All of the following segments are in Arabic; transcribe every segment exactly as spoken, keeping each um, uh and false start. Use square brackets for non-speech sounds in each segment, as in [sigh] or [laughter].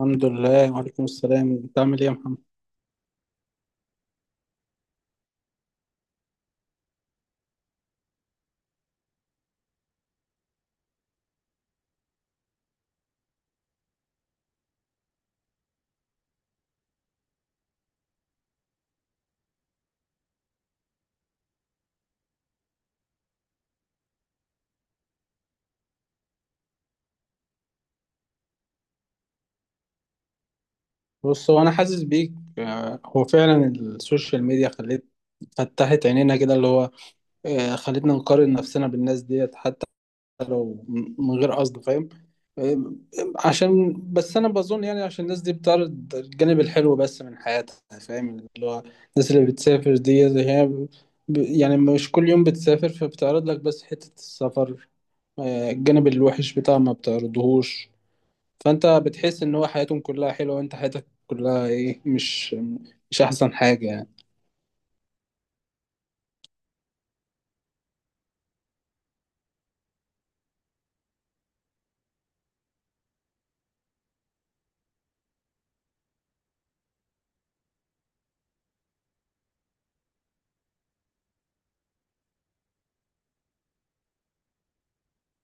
الحمد لله، وعليكم السلام. انت عامل ايه يا محمد؟ بص، هو انا حاسس بيك. آه، هو فعلا السوشيال ميديا خلت فتحت عينينا كده، اللي هو آه، خلتنا نقارن نفسنا بالناس ديت، حتى لو م- من غير قصد، فاهم؟ آه، عشان بس انا بظن، يعني عشان الناس دي بتعرض الجانب الحلو بس من حياتها، فاهم؟ اللي هو الناس اللي بتسافر دي اللي هي ب- يعني مش كل يوم بتسافر، فبتعرض لك بس حتة السفر. آه، الجانب الوحش بتاعها ما بتعرضهوش. فانت بتحس ان هو حياتهم كلها حلوه، وانت حياتك كلها ايه، مش مش احسن حاجه يعني.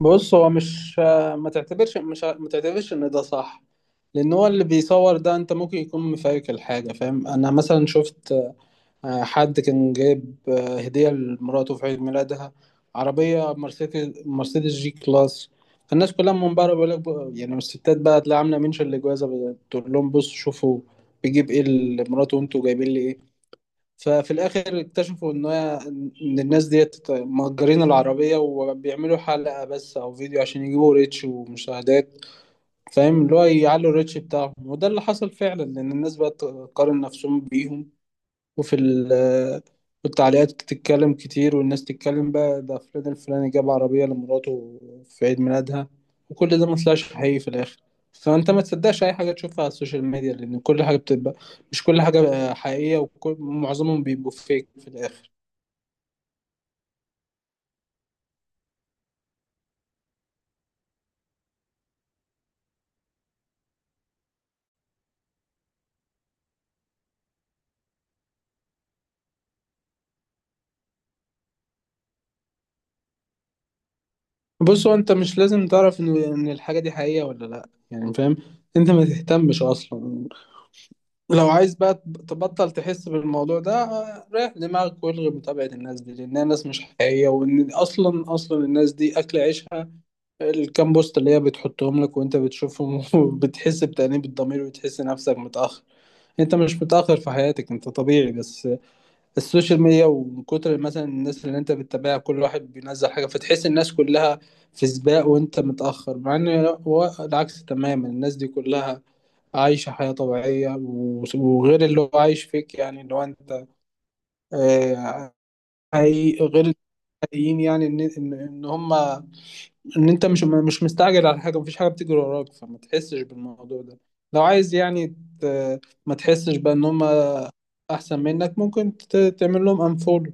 بص، هو مش ما تعتبرش مش ما تعتبرش ان ده صح، لان هو اللي بيصور ده انت ممكن يكون مفايك الحاجه، فاهم؟ انا مثلا شفت آه، حد كان جايب آه، هديه لمراته في عيد ميلادها، عربيه مرسيدس مرسيدس جي كلاس. فالناس كلها من بره بيقول لك بقى- يعني الستات بقى تلاقي عامله منشن لجوازها، بتقول لهم بصوا شوفوا بيجيب ايه لمراته وانتوا جايبين لي ايه. ففي الاخر اكتشفوا ان هي- ان الناس ديت مأجرين العربية، وبيعملوا حلقة بس او فيديو عشان يجيبوا ريتش ومشاهدات، فاهم؟ اللي هو يعلوا الريتش بتاعهم. وده اللي حصل فعلا، لان الناس بقت تقارن نفسهم بيهم، وفي ال- والتعليقات تتكلم كتير والناس تتكلم بقى، ده فلان الفلاني جاب عربية لمراته في عيد ميلادها، وكل ده ما طلعش حقيقي في الآخر. فأنت ما تصدقش أي حاجة تشوفها على السوشيال ميديا، لأن كل حاجة بتبقى مش كل حاجة حقيقية، ومعظمهم بيبقوا فيك في الآخر. بص، هو أنت مش لازم تعرف إن إن الحاجة دي حقيقية ولا لأ يعني، فاهم؟ أنت ما تهتمش أصلا. لو عايز بقى تب- تبطل تحس بالموضوع ده، آه، ريح دماغك والغي متابعة الناس دي، لأنها ناس مش حقيقية، وإن أصلا أصلا الناس دي أكل عيشها الكام بوست اللي هي بتحطهم لك، وأنت بتشوفهم [laughs] وبتحس بتأنيب الضمير وتحس نفسك متأخر. أنت مش متأخر في حياتك، أنت طبيعي، بس السوشيال ميديا ومن كتر مثلا الناس اللي أنت بتتابعها، كل واحد بينزل حاجة، فتحس الناس كلها في سباق وأنت متأخر، مع إن هو العكس تماما. الناس دي كلها عايشة حياة طبيعية و- وغير اللي هو عايش فيك، يعني اللي هو انت آه، حقيقي غير الحقيقيين، يعني ان ان إن هما، ان انت مش مش مستعجل على حاجه، مفيش حاجه بتجري وراك، فما تحسش بالموضوع ده. لو عايز يعني ت- ما تحسش بقى ان هم احسن منك، ممكن ت- تعمل لهم انفولو.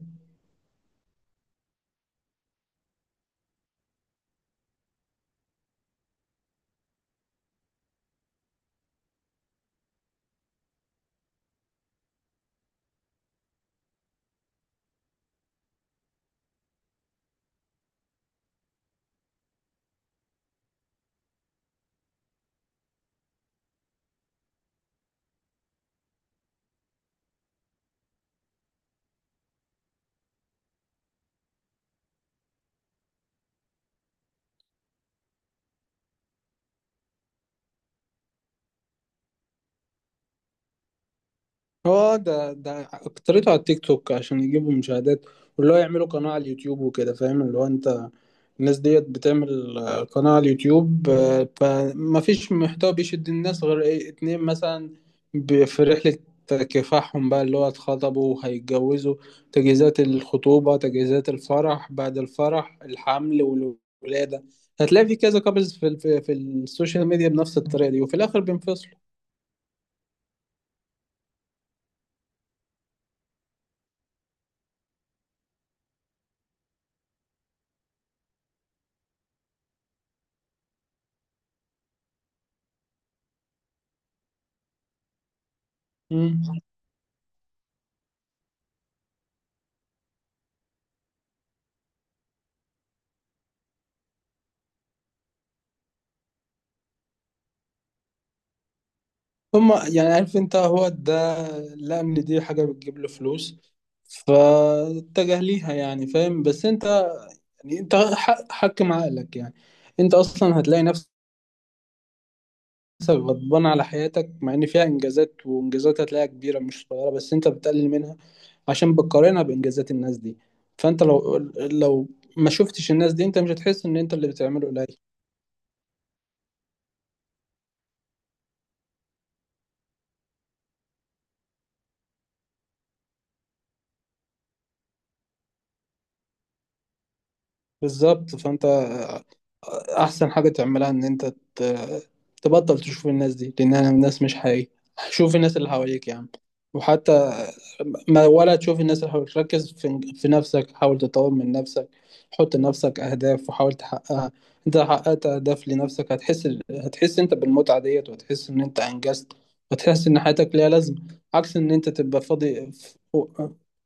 هو ده ده اكترته على التيك توك عشان يجيبوا مشاهدات، واللي هو يعملوا قناة على اليوتيوب وكده، فاهم؟ اللي هو انت الناس ديت بتعمل آه، قناة على اليوتيوب، آه، فما فيش محتوى بيشد الناس غير ايه، اتنين مثلا: ب- في رحلة كفاحهم بقى، اللي هو اتخطبوا وهيتجوزوا، تجهيزات الخطوبة، تجهيزات الفرح، بعد الفرح، الحمل والولادة. هتلاقي في كذا كابلز في في في السوشيال ميديا بنفس الطريقة دي، وفي الآخر بينفصلوا. مم. هم يعني، عارف انت، هو ده لقى ان دي حاجة بتجيب له فلوس فاتجه ليها، يعني فاهم. بس انت يعني انت ح- حكم عقلك يعني. انت اصلا هتلاقي نفسك غضبان على حياتك، مع ان فيها انجازات، وانجازات هتلاقيها كبيرة مش صغيرة، بس انت بتقلل منها عشان بتقارنها بانجازات الناس دي. فانت لو لو ما شفتش الناس دي انت مش هتحس ان انت اللي بتعمله قليل. بالظبط. فانت احسن حاجه تعملها ان انت ت- تبطل تشوف الناس دي، لانها الناس مش حقيقيه. شوف الناس اللي حواليك يا عم، وحتى ما ولا تشوف الناس اللي حواليك، ركز في, في نفسك، حاول تطور من نفسك. حط لنفسك اهداف وحاول تحققها. انت لو حققت اهداف لنفسك هتحس هتحس انت بالمتعه ديت، وهتحس ان انت انجزت، وتحس ان حياتك ليها لازمه، عكس ان انت تبقى فاضي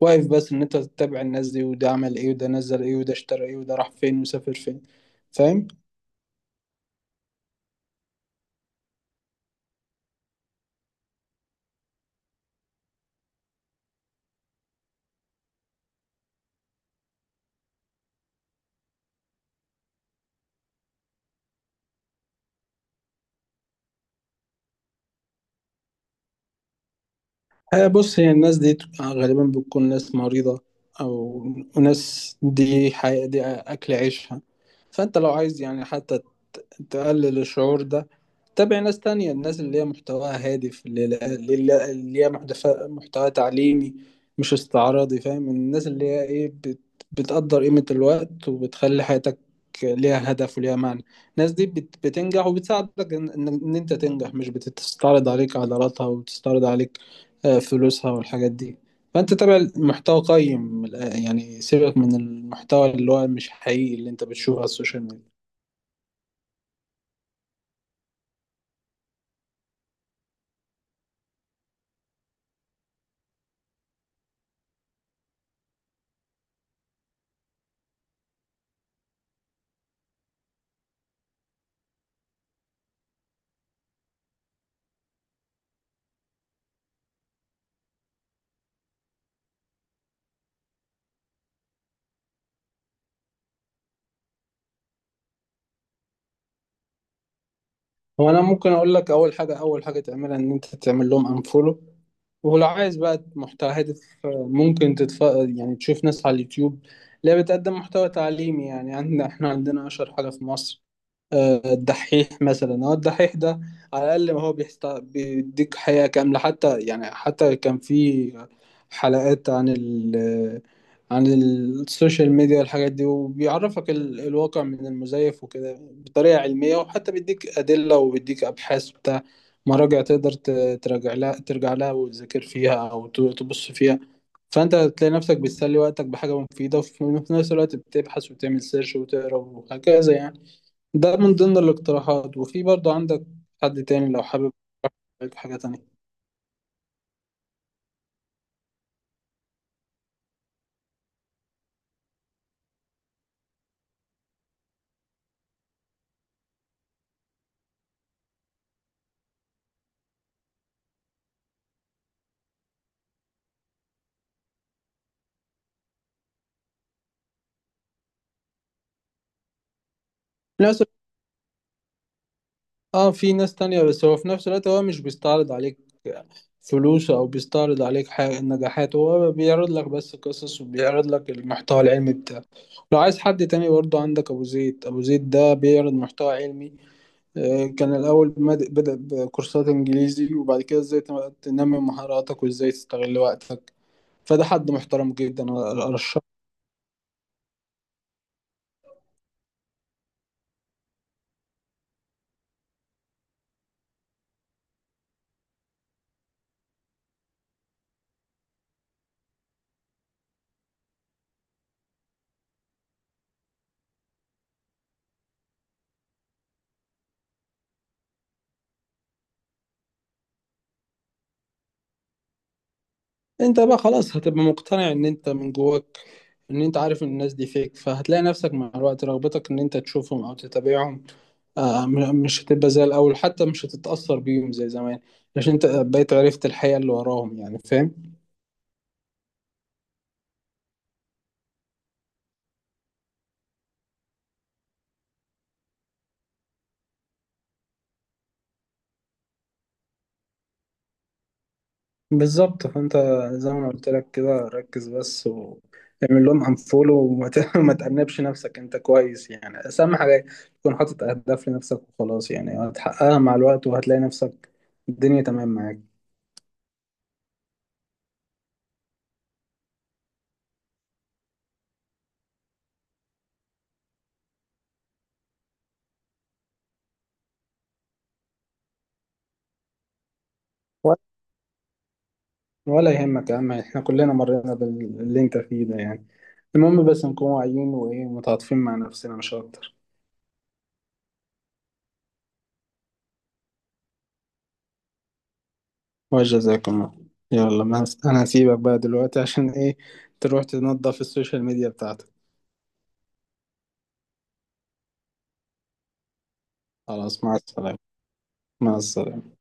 واقف بس ان انت تتابع الناس دي، وده عمل ايه، وده نزل ايه، وده اشترى ايه، وده راح فين، وسافر فين، فاهم؟ آه، بص، هي الناس دي غالبا بتكون ناس مريضة، أو ناس دي حي... دي أكل عيشها. فأنت لو عايز يعني حتى ت- تقلل الشعور ده، تابع ناس تانية، الناس اللي هي محتواها هادف، اللي اللي اللي هي محتف- محتوى تعليمي مش استعراضي، فاهم؟ الناس اللي هي إيه، بت... بتقدر قيمة الوقت وبتخلي حياتك ليها هدف وليها معنى. الناس دي بت... بتنجح وبتساعدك إن... إن إن أنت تنجح، مش بتستعرض عليك عضلاتها وتستعرض عليك آه، فلوسها والحاجات دي. فانت تابع المحتوى قيم من الآ- يعني سيبك من المحتوى اللي هو مش حقيقي اللي انت بتشوفه على السوشيال ميديا. هو انا ممكن اقول لك، اول حاجه اول حاجه تعملها ان انت تعمل لهم انفولو. ولو عايز بقى محتوى هادف، آه، ممكن تتف يعني تشوف ناس على اليوتيوب اللي هي بتقدم محتوى تعليمي. يعني عندنا احنا عندنا اشهر حاجه في مصر آه، الدحيح مثلا. هو الدحيح ده على الأقل ما هو بيحست... بيديك حقيقة كاملة، حتى يعني حتى كان في حلقات عن ال عن السوشيال ميديا والحاجات دي، وبيعرفك ال... الواقع من المزيف وكده، بطريقة علمية، وحتى بيديك أدلة وبيديك أبحاث بتاع مراجع تقدر ت... تراجع لها ترجع لها وتذاكر فيها، أو ت... تبص فيها. فأنت تلاقي نفسك بتسلي وقتك بحاجة مفيدة، وفي في نفس الوقت بتبحث وتعمل سيرش وتقرا وهكذا يعني. ده من ضمن الاقتراحات. وفي برضه عندك حد تاني لو حابب عليك حاجة تانية. ناس اه في ناس تانية، بس هو في نفس الوقت هو مش بيستعرض عليك فلوس او بيستعرض عليك حاجة النجاحات، هو بيعرض لك بس قصص وبيعرض لك المحتوى العلمي بتاعه. لو عايز حد تاني برضه عندك ابو زيد. ابو زيد ده بيعرض محتوى علمي، آه، كان الاول مد- بدأ بكورسات انجليزي، وبعد كده ازاي تنمي مهاراتك وازاي تستغل وقتك. فده حد محترم جدا أنا أرشحه. انت بقى خلاص هتبقى مقتنع ان انت من جواك ان انت عارف ان الناس دي فيك، فهتلاقي نفسك مع الوقت رغبتك ان انت تشوفهم او تتابعهم. آه، م- مش هتبقى زي الاول، حتى مش هتتأثر بيهم زي زمان، عشان انت بقيت عرفت الحقيقة اللي وراهم، يعني فاهم. بالظبط. فانت زي ما أنا قلت لك كده، ركز بس واعمل لهم انفولو، وما ت- [laughs] ما تأنبش نفسك، انت كويس يعني. بس اهم حاجة تكون حاطط اهداف لنفسك وخلاص، يعني هتحققها مع الوقت، وهتلاقي نفسك الدنيا تمام معاك. ولا يهمك يا عم، احنا كلنا مرينا باللي انت فيه ده يعني. المهم بس نكون واعيين، وايه، متعاطفين مع نفسنا، مش اكتر. وجزاكم الله. يلا، ما انا هسيبك بقى دلوقتي عشان ايه، تروح تنظف السوشيال ميديا بتاعتك. خلاص، مع السلامة. مع السلامة.